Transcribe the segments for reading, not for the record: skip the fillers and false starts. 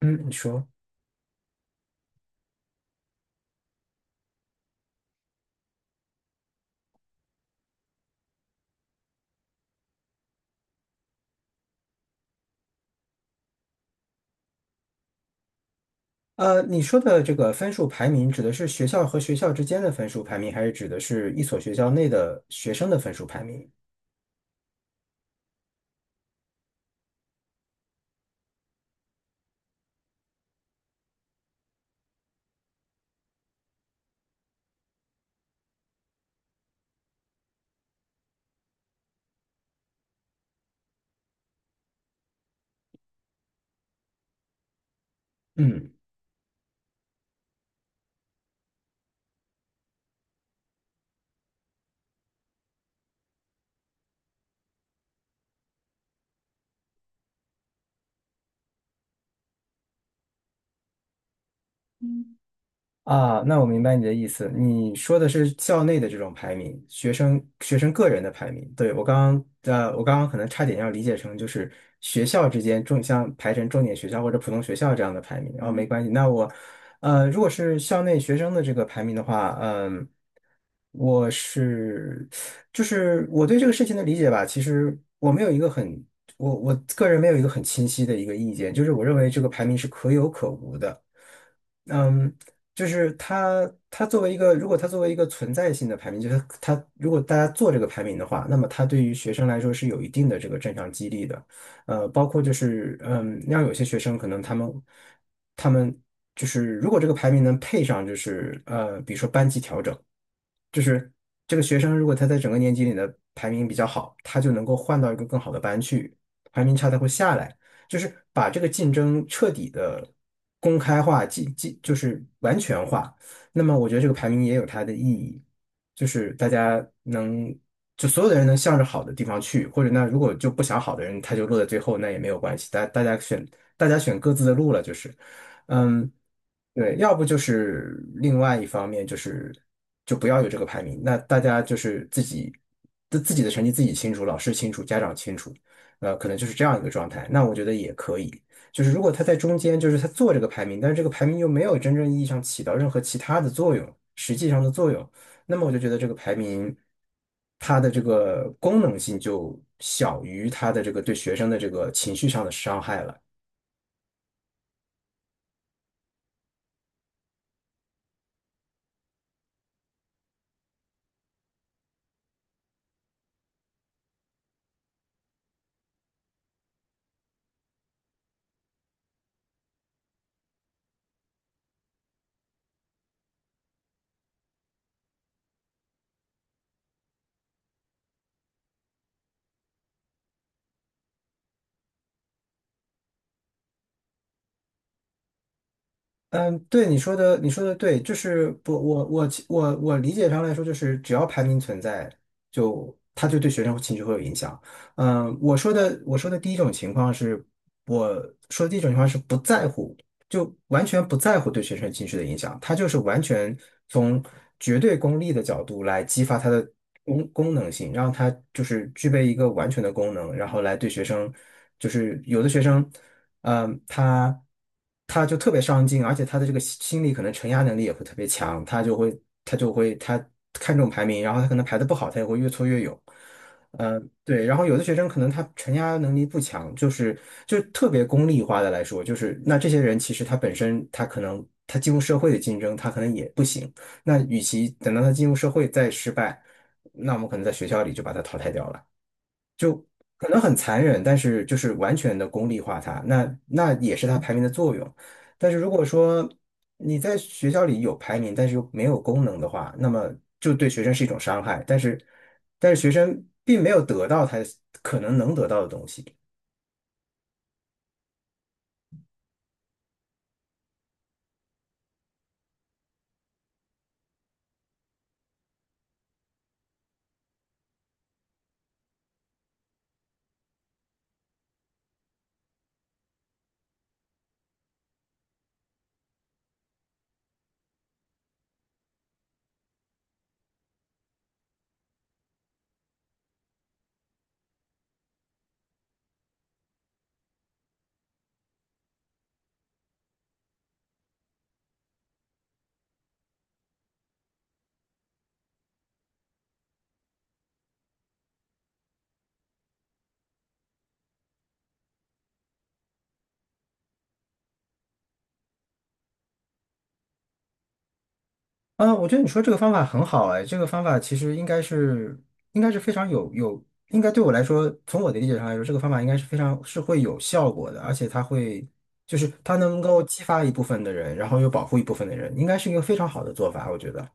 嗯，你说。你说的这个分数排名指的是学校和学校之间的分数排名，还是指的是一所学校内的学生的分数排名？嗯。啊，那我明白你的意思。你说的是校内的这种排名，学生个人的排名。对，我刚刚可能差点要理解成就是学校之间重像排成重点学校或者普通学校这样的排名。哦，没关系。如果是校内学生的这个排名的话，嗯，我是就是我对这个事情的理解吧，其实我个人没有一个很清晰的一个意见，就是我认为这个排名是可有可无的。嗯，就是它，它作为一个，如果它作为一个存在性的排名，就是它，它如果大家做这个排名的话，那么它对于学生来说是有一定的这个正向激励的。包括就是，嗯，让有些学生可能他们，他们就是如果这个排名能配上，比如说班级调整。就是这个学生如果他在整个年级里的排名比较好，他就能够换到一个更好的班去，排名差他会下来。就是把这个竞争彻底的公开化，就是完全化。那么我觉得这个排名也有它的意义，就是大家能就所有的人能向着好的地方去，或者那如果就不想好的人他就落在最后，那也没有关系，大家选各自的路了，就是。嗯，对，要不就是另外一方面就是就不要有这个排名，那大家就是自己的成绩自己清楚，老师清楚，家长清楚，呃，可能就是这样一个状态。那我觉得也可以，就是如果他在中间，就是他做这个排名，但是这个排名又没有真正意义上起到任何其他的作用，实际上的作用，那么我就觉得这个排名它的这个功能性就小于它的这个对学生的这个情绪上的伤害了。嗯，对你说的，你说的对，就是不，我我其我我理解上来说，就是只要排名存在，就他就对学生情绪会有影响。嗯，我说的第一种情况是，我说的第一种情况是不在乎，就完全不在乎对学生情绪的影响，他就是完全从绝对功利的角度来激发它的功能性，让它就是具备一个完全的功能，然后来对学生，就是有的学生。嗯，他他就特别上进，而且他的这个心理可能承压能力也会特别强，他就会他就会他看重排名，然后他可能排的不好，他也会越挫越勇。嗯，对，然后有的学生可能他承压能力不强，就是就特别功利化的来说，就是那这些人其实他本身他可能他进入社会的竞争他可能也不行，那与其等到他进入社会再失败，那我们可能在学校里就把他淘汰掉了。可能很残忍，但是就是完全的功利化它，那也是它排名的作用。但是如果说你在学校里有排名，但是又没有功能的话，那么就对学生是一种伤害。但是但是学生并没有得到他可能能得到的东西。啊，我觉得你说这个方法很好哎，这个方法其实应该是非常对我来说，从我的理解上来说，这个方法应该是非常是会有效果的，而且它会就是它能够激发一部分的人，然后又保护一部分的人，应该是一个非常好的做法，我觉得。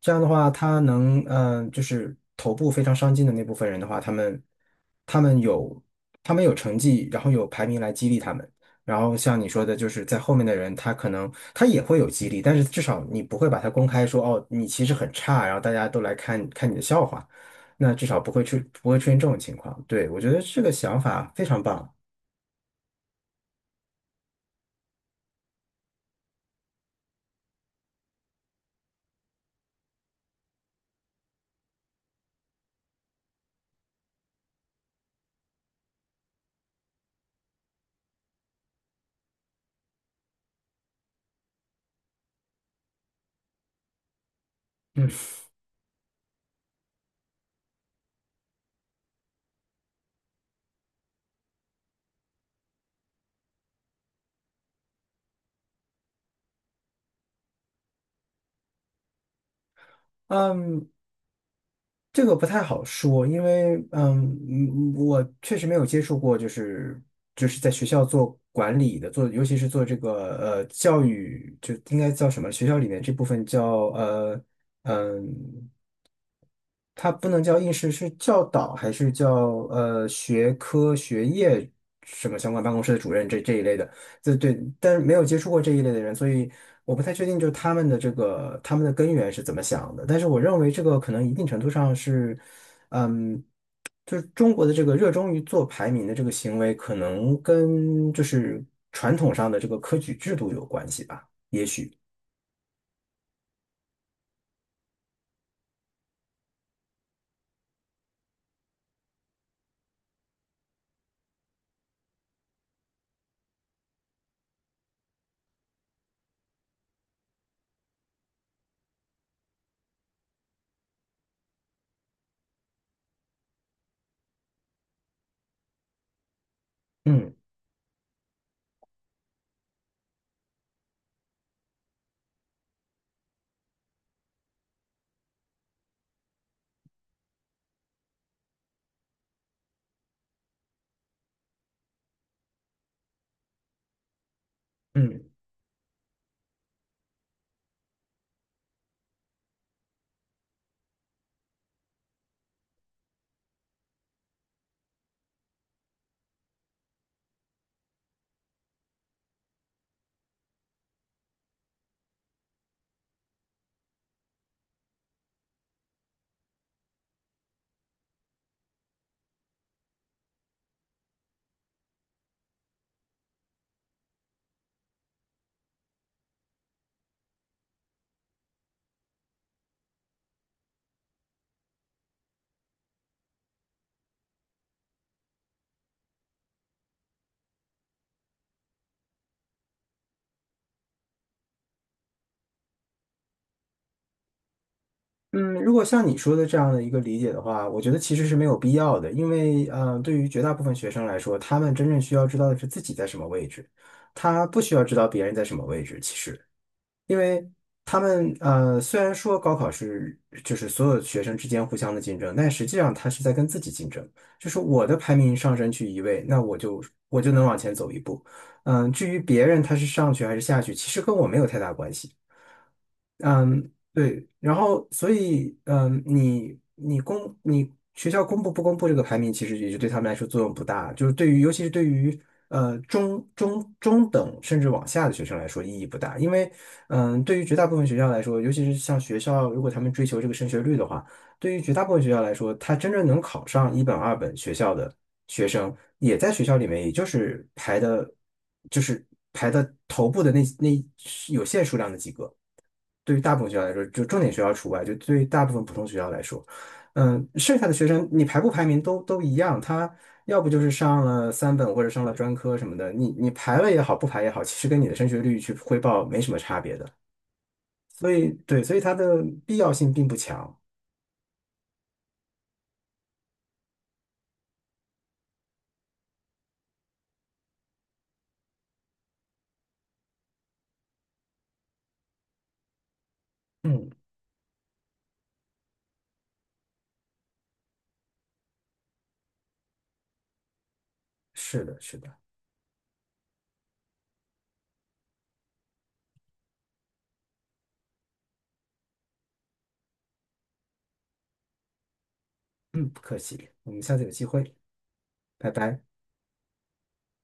这样的话，他能嗯、呃就是头部非常上进的那部分人的话，他们他们有成绩，然后有排名来激励他们。然后像你说的，就是在后面的人，他可能他也会有激励，但是至少你不会把它公开说，哦，你其实很差，然后大家都来看看你的笑话，那至少不会出现这种情况。对，我觉得这个想法非常棒。嗯，这个不太好说，因为我确实没有接触过，就是就是在学校做管理的，做尤其是做这个教育，就应该叫什么？学校里面这部分叫呃。嗯，他不能叫应试，是教导还是叫学科学业什么相关办公室的主任这一类的？这对，但是没有接触过这一类的人，所以我不太确定，就是他们的根源是怎么想的。但是我认为这个可能一定程度上是，嗯，就是中国的这个热衷于做排名的这个行为，可能跟就是传统上的这个科举制度有关系吧。嗯嗯。嗯，如果像你说的这样的一个理解的话，我觉得其实是没有必要的，因为对于绝大部分学生来说，他们真正需要知道的是自己在什么位置，他不需要知道别人在什么位置。其实，因为他们虽然说高考是就是所有学生之间互相的竞争，但实际上他是在跟自己竞争，就是我的排名上升去一位，那我就我就能往前走一步。嗯，至于别人他是上去还是下去，其实跟我没有太大关系。嗯，对，然后所以，嗯，你学校公布不公布这个排名，其实也就对他们来说作用不大，就是对于尤其是对于中等甚至往下的学生来说意义不大，因为嗯，对于绝大部分学校来说，尤其是像学校如果他们追求这个升学率的话，对于绝大部分学校来说，他真正能考上一本二本学校的学生，也在学校里面，也就是排的，就是排的头部的那有限数量的几个。对于大部分学校来说，就重点学校除外，就对于大部分普通学校来说，嗯，剩下的学生你排不排名都一样，他要不就是上了三本或者上了专科什么的，你排了也好，不排也好，其实跟你的升学率去汇报没什么差别的，所以对，所以它的必要性并不强。嗯，是的，是的，嗯，不客气，我们下次有机会，拜拜。